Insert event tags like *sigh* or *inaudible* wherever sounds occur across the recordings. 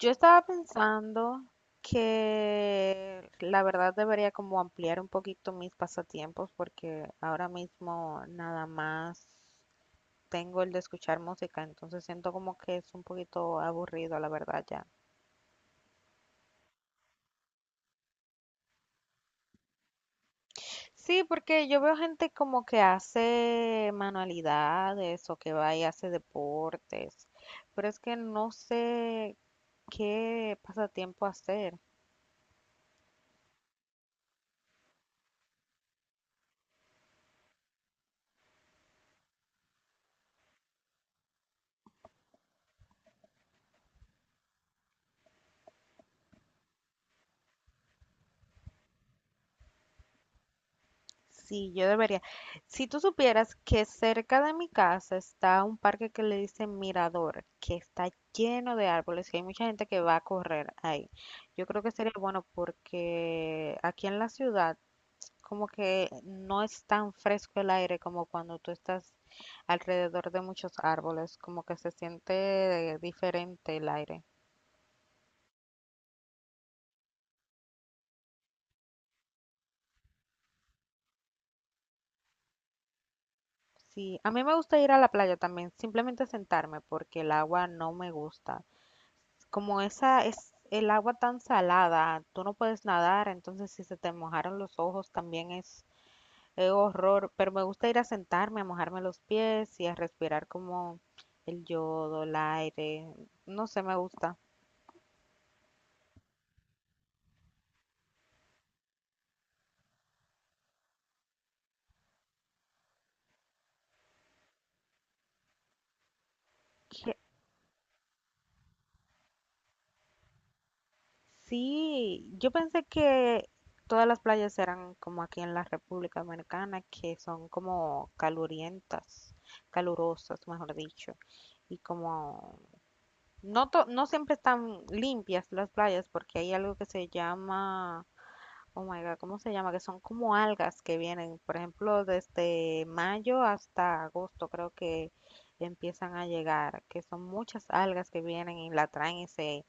Yo estaba pensando que la verdad debería como ampliar un poquito mis pasatiempos porque ahora mismo nada más tengo el de escuchar música, entonces siento como que es un poquito aburrido, la verdad ya. Sí, porque yo veo gente como que hace manualidades o que va y hace deportes, pero es que no sé qué pasatiempo hacer. Sí, yo debería. Si tú supieras que cerca de mi casa está un parque que le dicen Mirador, que está lleno de árboles, que hay mucha gente que va a correr ahí. Yo creo que sería bueno porque aquí en la ciudad como que no es tan fresco el aire como cuando tú estás alrededor de muchos árboles, como que se siente diferente el aire. Sí, a mí me gusta ir a la playa también, simplemente sentarme porque el agua no me gusta. Como esa es el agua tan salada, tú no puedes nadar, entonces si se te mojaron los ojos también es horror, pero me gusta ir a sentarme, a mojarme los pies y a respirar como el yodo, el aire, no sé, me gusta. Que- sí, yo pensé que todas las playas eran como aquí en la República Dominicana, que son como calurientas, calurosas, mejor dicho, y como No, no siempre están limpias las playas porque hay algo que se llama, oh my God, ¿cómo se llama? Que son como algas que vienen, por ejemplo, desde mayo hasta agosto creo que empiezan a llegar, que son muchas algas que vienen y la traen y se,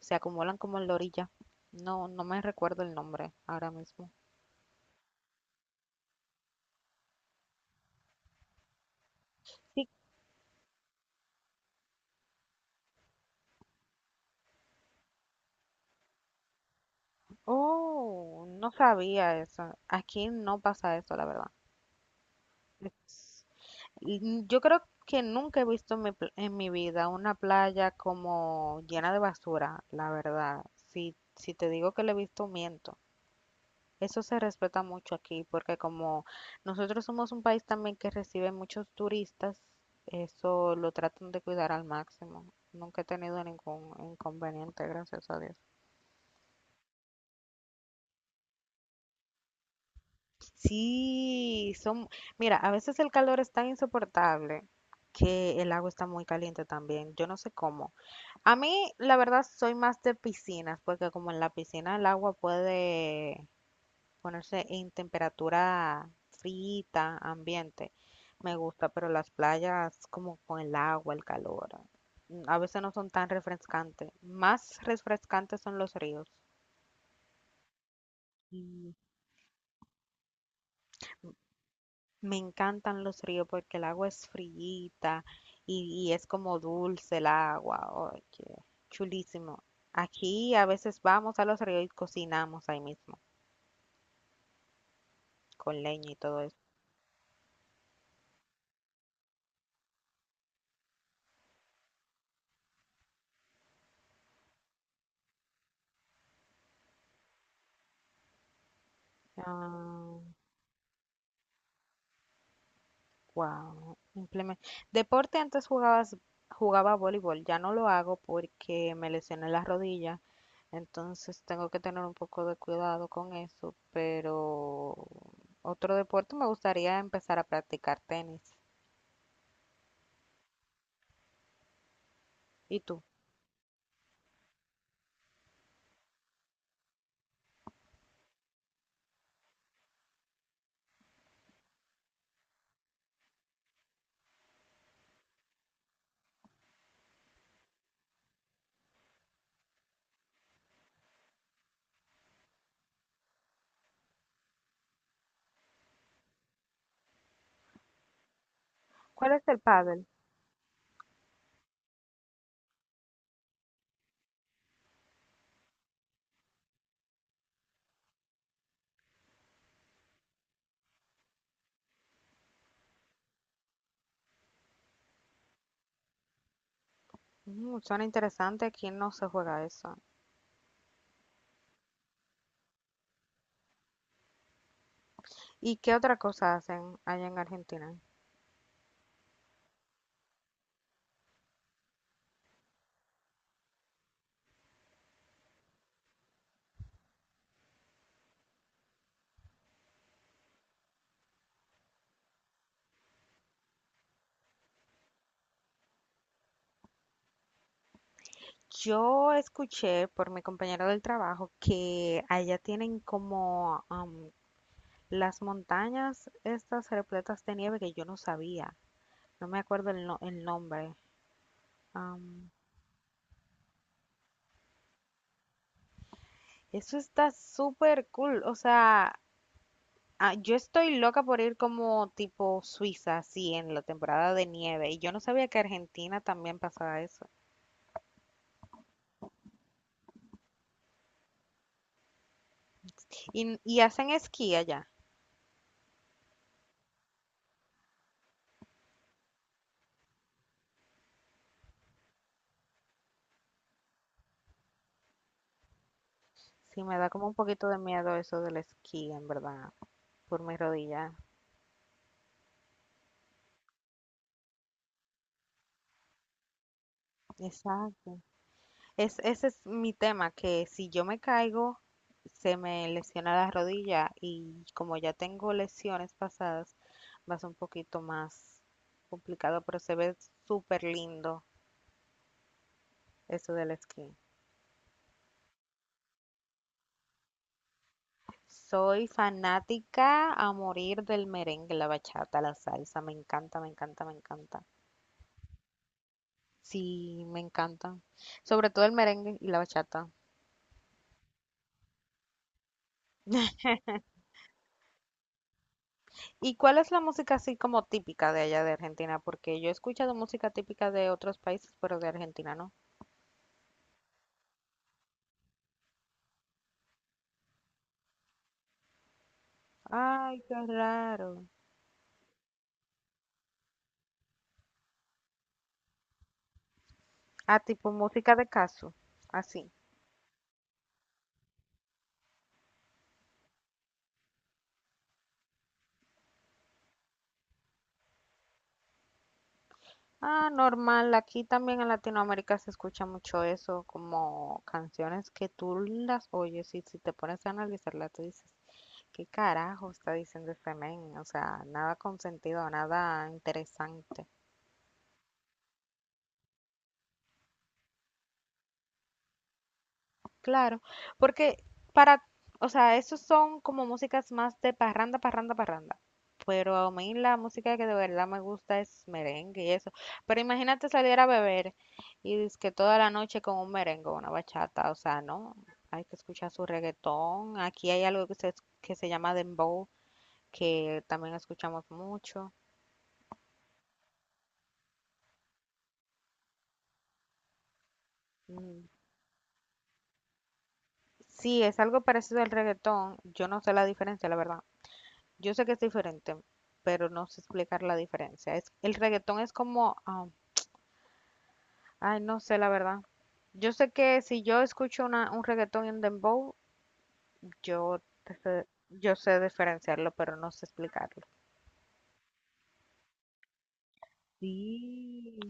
se acumulan como en la orilla. No, no me recuerdo el nombre ahora mismo. Sí, oh, no sabía eso. Aquí no pasa eso, la verdad. Es- Yo creo que nunca he visto en mi, en mi vida una playa como llena de basura, la verdad. Si, si te digo que la he visto, miento. Eso se respeta mucho aquí porque como nosotros somos un país también que recibe muchos turistas, eso lo tratan de cuidar al máximo. Nunca he tenido ningún inconveniente, gracias a Dios. Sí, son, mira, a veces el calor es tan insoportable que el agua está muy caliente también. Yo no sé cómo. A mí, la verdad, soy más de piscinas, porque como en la piscina el agua puede ponerse en temperatura frita, ambiente, me gusta, pero las playas como con el agua, el calor, mm, a veces no son tan refrescantes. Más refrescantes son los ríos. Y me encantan los ríos porque el agua es frillita y es como dulce el agua. Oye, chulísimo. Aquí a veces vamos a los ríos y cocinamos ahí mismo, con leña y todo eso. Ah, wow. Deporte antes jugabas, jugaba voleibol, ya no lo hago porque me lesioné la rodilla, entonces tengo que tener un poco de cuidado con eso, pero otro deporte me gustaría empezar a practicar tenis. ¿Y tú? ¿Cuál es el pádel? Mm, suena interesante, aquí no se juega eso. ¿Y qué otra cosa hacen allá en Argentina? Yo escuché por mi compañero del trabajo que allá tienen como las montañas estas repletas de nieve que yo no sabía. No me acuerdo el, no- el nombre. Am, eso está súper cool. O sea, ah, yo estoy loca por ir como tipo Suiza, así en la temporada de nieve. Y yo no sabía que Argentina también pasaba eso. Y hacen esquí allá. Sí, me da como un poquito de miedo eso del esquí, en verdad, por mi rodilla. Exacto. Es, ese es mi tema, que si yo me caigo, se me lesiona la rodilla y como ya tengo lesiones pasadas, va a ser un poquito más complicado, pero se ve súper lindo eso del skin. Soy fanática a morir del merengue, la bachata, la salsa, me encanta, me encanta, me encanta. Sí, me encantan. Sobre todo el merengue y la bachata. ¿Y cuál es la música así como típica de allá de Argentina? Porque yo he escuchado música típica de otros países, pero de Argentina no. Ay, qué raro. Ah, tipo música de caso, así. Ah, normal. Aquí también en Latinoamérica se escucha mucho eso, como canciones que tú las oyes y si te pones a analizarlas, tú dices, ¿qué carajo está diciendo este men? O sea, nada con sentido, nada interesante. Claro, porque para, o sea, esos son como músicas más de parranda, parranda, parranda. Pero a mí la música que de verdad me gusta es merengue y eso. Pero imagínate salir a beber y es que toda la noche con un merengue, una bachata, o sea, no. Hay que escuchar su reggaetón. Aquí hay algo que se llama dembow, que también escuchamos mucho. Mm, sí, es algo parecido al reggaetón. Yo no sé la diferencia, la verdad. Yo sé que es diferente, pero no sé explicar la diferencia. Es, el reggaetón es como, ah, ay, no sé la verdad. Yo sé que si yo escucho un reggaetón y un dembow, yo, yo sé diferenciarlo, pero no sé explicarlo. Sí.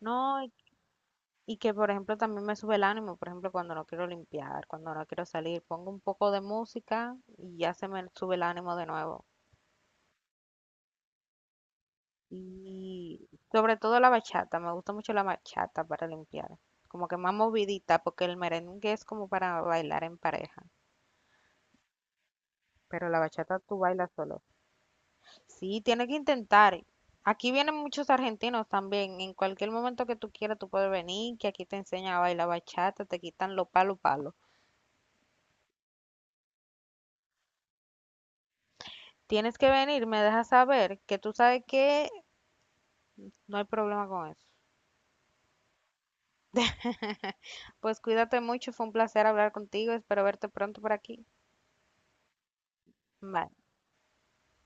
No, y que por ejemplo también me sube el ánimo, por ejemplo, cuando no quiero limpiar, cuando no quiero salir, pongo un poco de música y ya se me sube el ánimo de nuevo. Y sobre todo la bachata, me gusta mucho la bachata para limpiar. Como que más movidita, porque el merengue es como para bailar en pareja, pero la bachata tú bailas solo. Sí, tienes que intentar. Aquí vienen muchos argentinos también. En cualquier momento que tú quieras, tú puedes venir, que aquí te enseñan a bailar bachata, te quitan los palos, palos. Tienes que venir, me dejas saber que tú sabes que no hay problema con eso. *laughs* Pues cuídate mucho, fue un placer hablar contigo, espero verte pronto por aquí. Bye.